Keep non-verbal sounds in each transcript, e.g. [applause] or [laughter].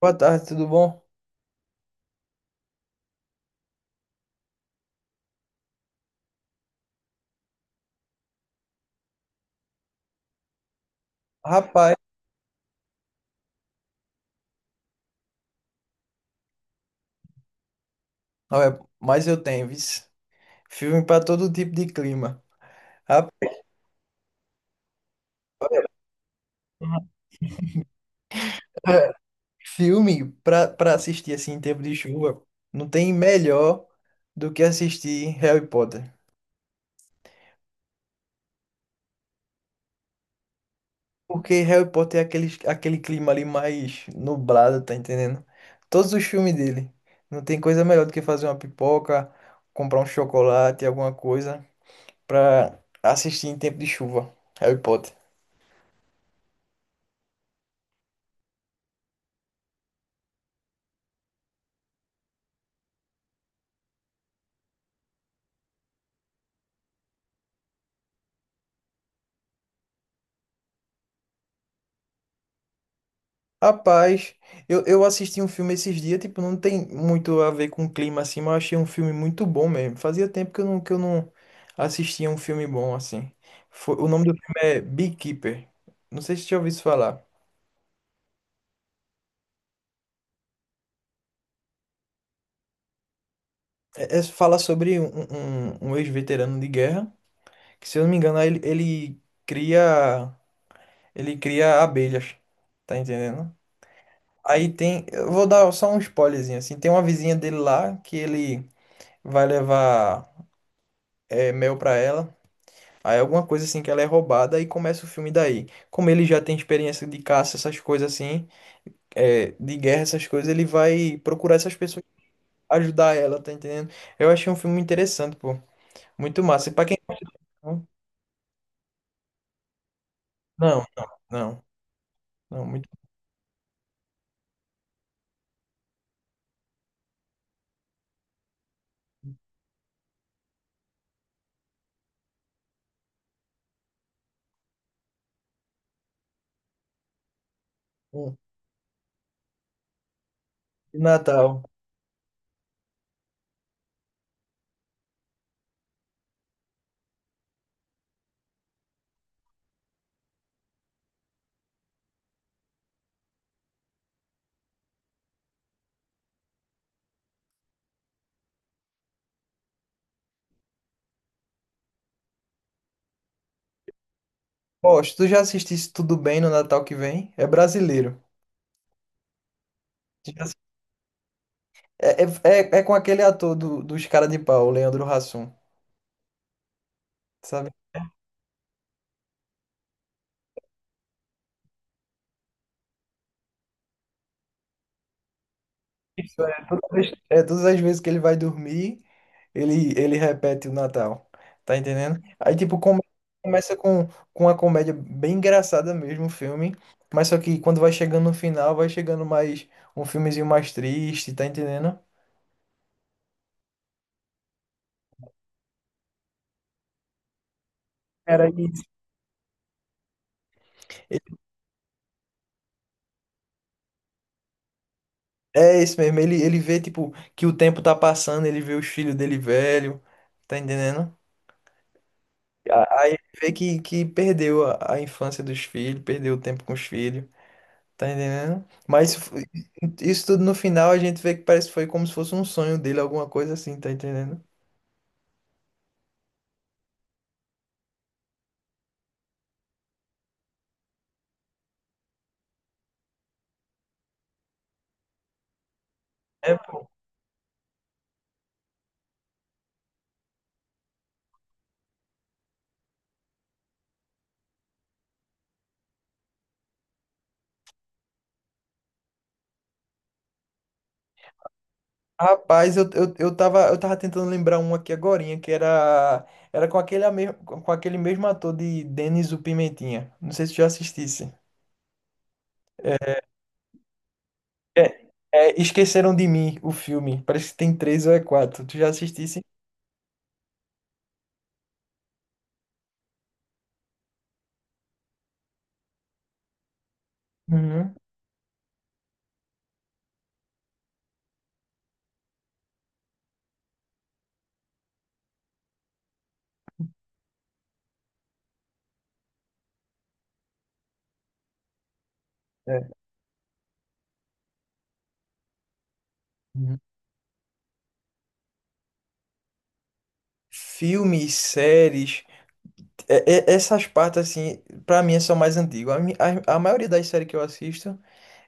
Boa tarde, tudo bom? Rapaz, olha, mas eu tenho, vis. Filme pra todo tipo de clima. Rap- [laughs] Filme pra para assistir assim em tempo de chuva, não tem melhor do que assistir Harry Potter. Porque Harry Potter é aquele clima ali mais nublado, tá entendendo? Todos os filmes dele. Não tem coisa melhor do que fazer uma pipoca, comprar um chocolate, alguma coisa pra assistir em tempo de chuva. Harry Potter. Rapaz, eu assisti um filme esses dias, tipo, não tem muito a ver com clima assim, mas eu achei um filme muito bom mesmo. Fazia tempo que eu não assistia um filme bom assim. Foi, o nome do filme é Beekeeper. Não sei se você já ouviu isso falar. Fala sobre um ex-veterano de guerra, que se eu não me engano, ele cria abelhas, tá entendendo? Aí tem, eu vou dar só um spoilerzinho assim, tem uma vizinha dele lá que ele vai levar mel pra ela. Aí alguma coisa assim que ela é roubada e começa o filme daí. Como ele já tem experiência de caça, essas coisas assim, é, de guerra, essas coisas, ele vai procurar essas pessoas, ajudar ela, tá entendendo? Eu achei um filme interessante, pô. Muito massa. E pra quem. Não, não, não, não, muito bom. E Natal. Pô, se tu já assistisse Tudo Bem no Natal que vem, é brasileiro. Já assi- É, é, com aquele ator dos Cara de Pau, o Leandro Hassum. Sabe? Isso é. Todas as vezes que ele vai dormir, ele repete o Natal. Tá entendendo? Aí, tipo, começa com uma comédia bem engraçada mesmo, o filme. Mas só que quando vai chegando no final, vai chegando mais um filmezinho mais triste, tá entendendo? Era isso. É isso mesmo. Ele vê, tipo, que o tempo tá passando, ele vê os filhos dele velho, tá entendendo? Aí ele vê que perdeu a infância dos filhos, perdeu o tempo com os filhos. Tá entendendo? Isso tudo no final a gente vê que parece que foi como se fosse um sonho dele, alguma coisa assim, tá entendendo? É, pô. Rapaz, eu tava tentando lembrar um aqui agorinha, que era com aquele mesmo ator de Denis o Pimentinha. Não sei se tu já assistisse. É, Esqueceram de Mim, o filme. Parece que tem três ou quatro. Tu já assistisse? Uhum. É. Uhum. Filmes, séries. É- Essas partes, assim, pra mim são mais antigas. A maioria das séries que eu assisto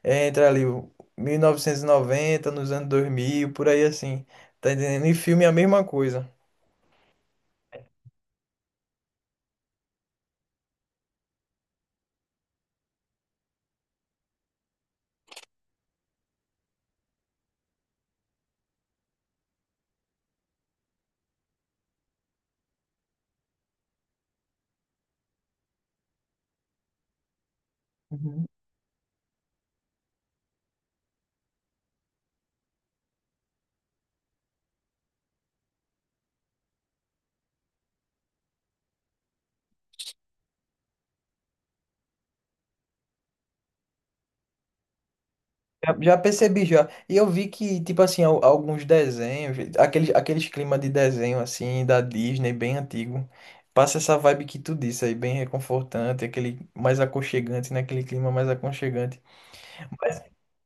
é entre ali o 1990, nos anos 2000 por aí assim. Tá entendendo? E filme é a mesma coisa. Uhum. Já percebi já. E eu vi que, tipo assim, alguns desenhos, aqueles clima de desenho, assim, da Disney, bem antigo. Passa essa vibe que tu disse aí, bem reconfortante, aquele mais aconchegante, né? Aquele clima mais aconchegante.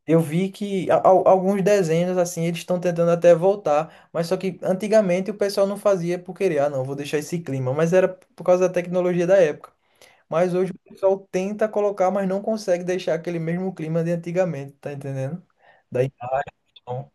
Eu vi que alguns desenhos, assim, eles estão tentando até voltar, mas só que antigamente o pessoal não fazia por querer, não, vou deixar esse clima, mas era por causa da tecnologia da época. Mas hoje o pessoal tenta colocar, mas não consegue deixar aquele mesmo clima de antigamente, tá entendendo? Daí, então.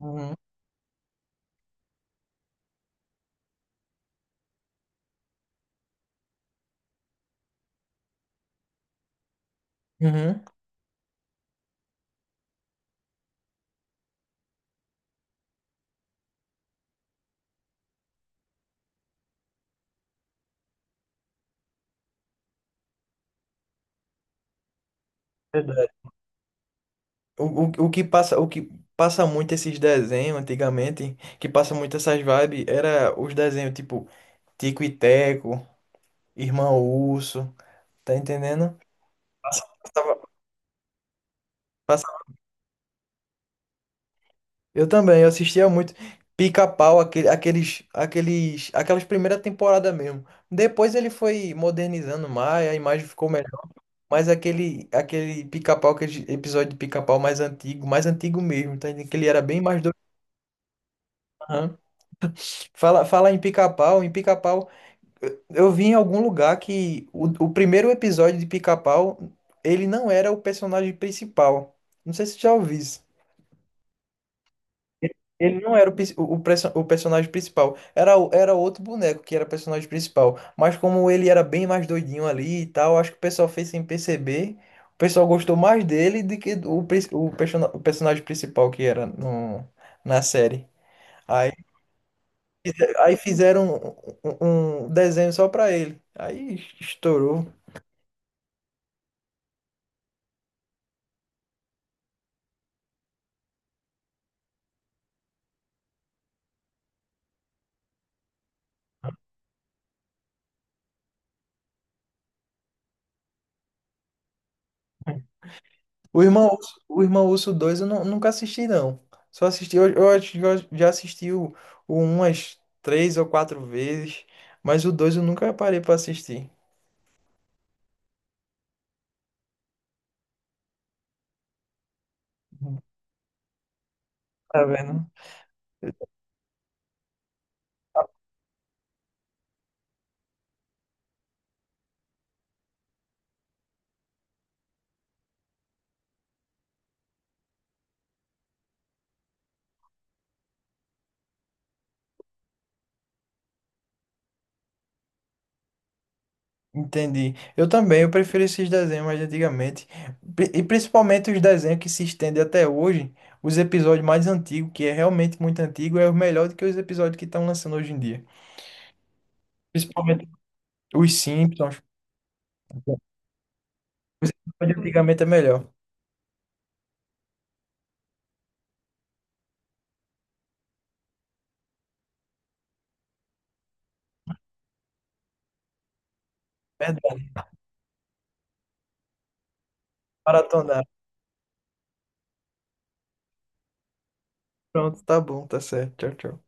Uhum, uhum. Verdade. O que passa muito esses desenhos antigamente, que passa muito essas vibes, era os desenhos tipo Tico e Teco, Irmão Urso, tá entendendo? Passava. Eu também, eu assistia muito Pica-Pau, aquelas primeiras temporadas mesmo. Depois ele foi modernizando mais, a imagem ficou melhor. Mas aquele Pica-Pau, aquele episódio de Pica-Pau mais antigo mesmo, tá entendendo? Que ele era bem mais doido. Aham. Fala em Pica-Pau, eu vi em algum lugar que o primeiro episódio de Pica-Pau, ele não era o personagem principal. Não sei se você já ouviu isso. Ele não era o, pis- o perso- o personagem principal. Era outro boneco que era personagem principal. Mas como ele era bem mais doidinho ali e tal, acho que o pessoal fez sem perceber. O pessoal gostou mais dele do que do- o, pris- o, persona- o personagem principal que era no, na série. Aí, aí fizeram um desenho só pra ele. Aí estourou. O Irmão Urso dois eu nunca assisti, não. Só assisti, eu acho que eu já assisti o um umas três ou quatro vezes, mas o 2 eu nunca parei pra assistir. Tá vendo? Entendi. Eu também, eu prefiro esses desenhos mais de antigamente. E principalmente os desenhos que se estendem até hoje, os episódios mais antigos, que é realmente muito antigo, é o melhor do que os episódios que estão lançando hoje em dia. Principalmente os Simpsons. Os episódios de antigamente é melhor. Verdade. Maratona. Pronto, tá bom, tá certo. Tchau, tchau.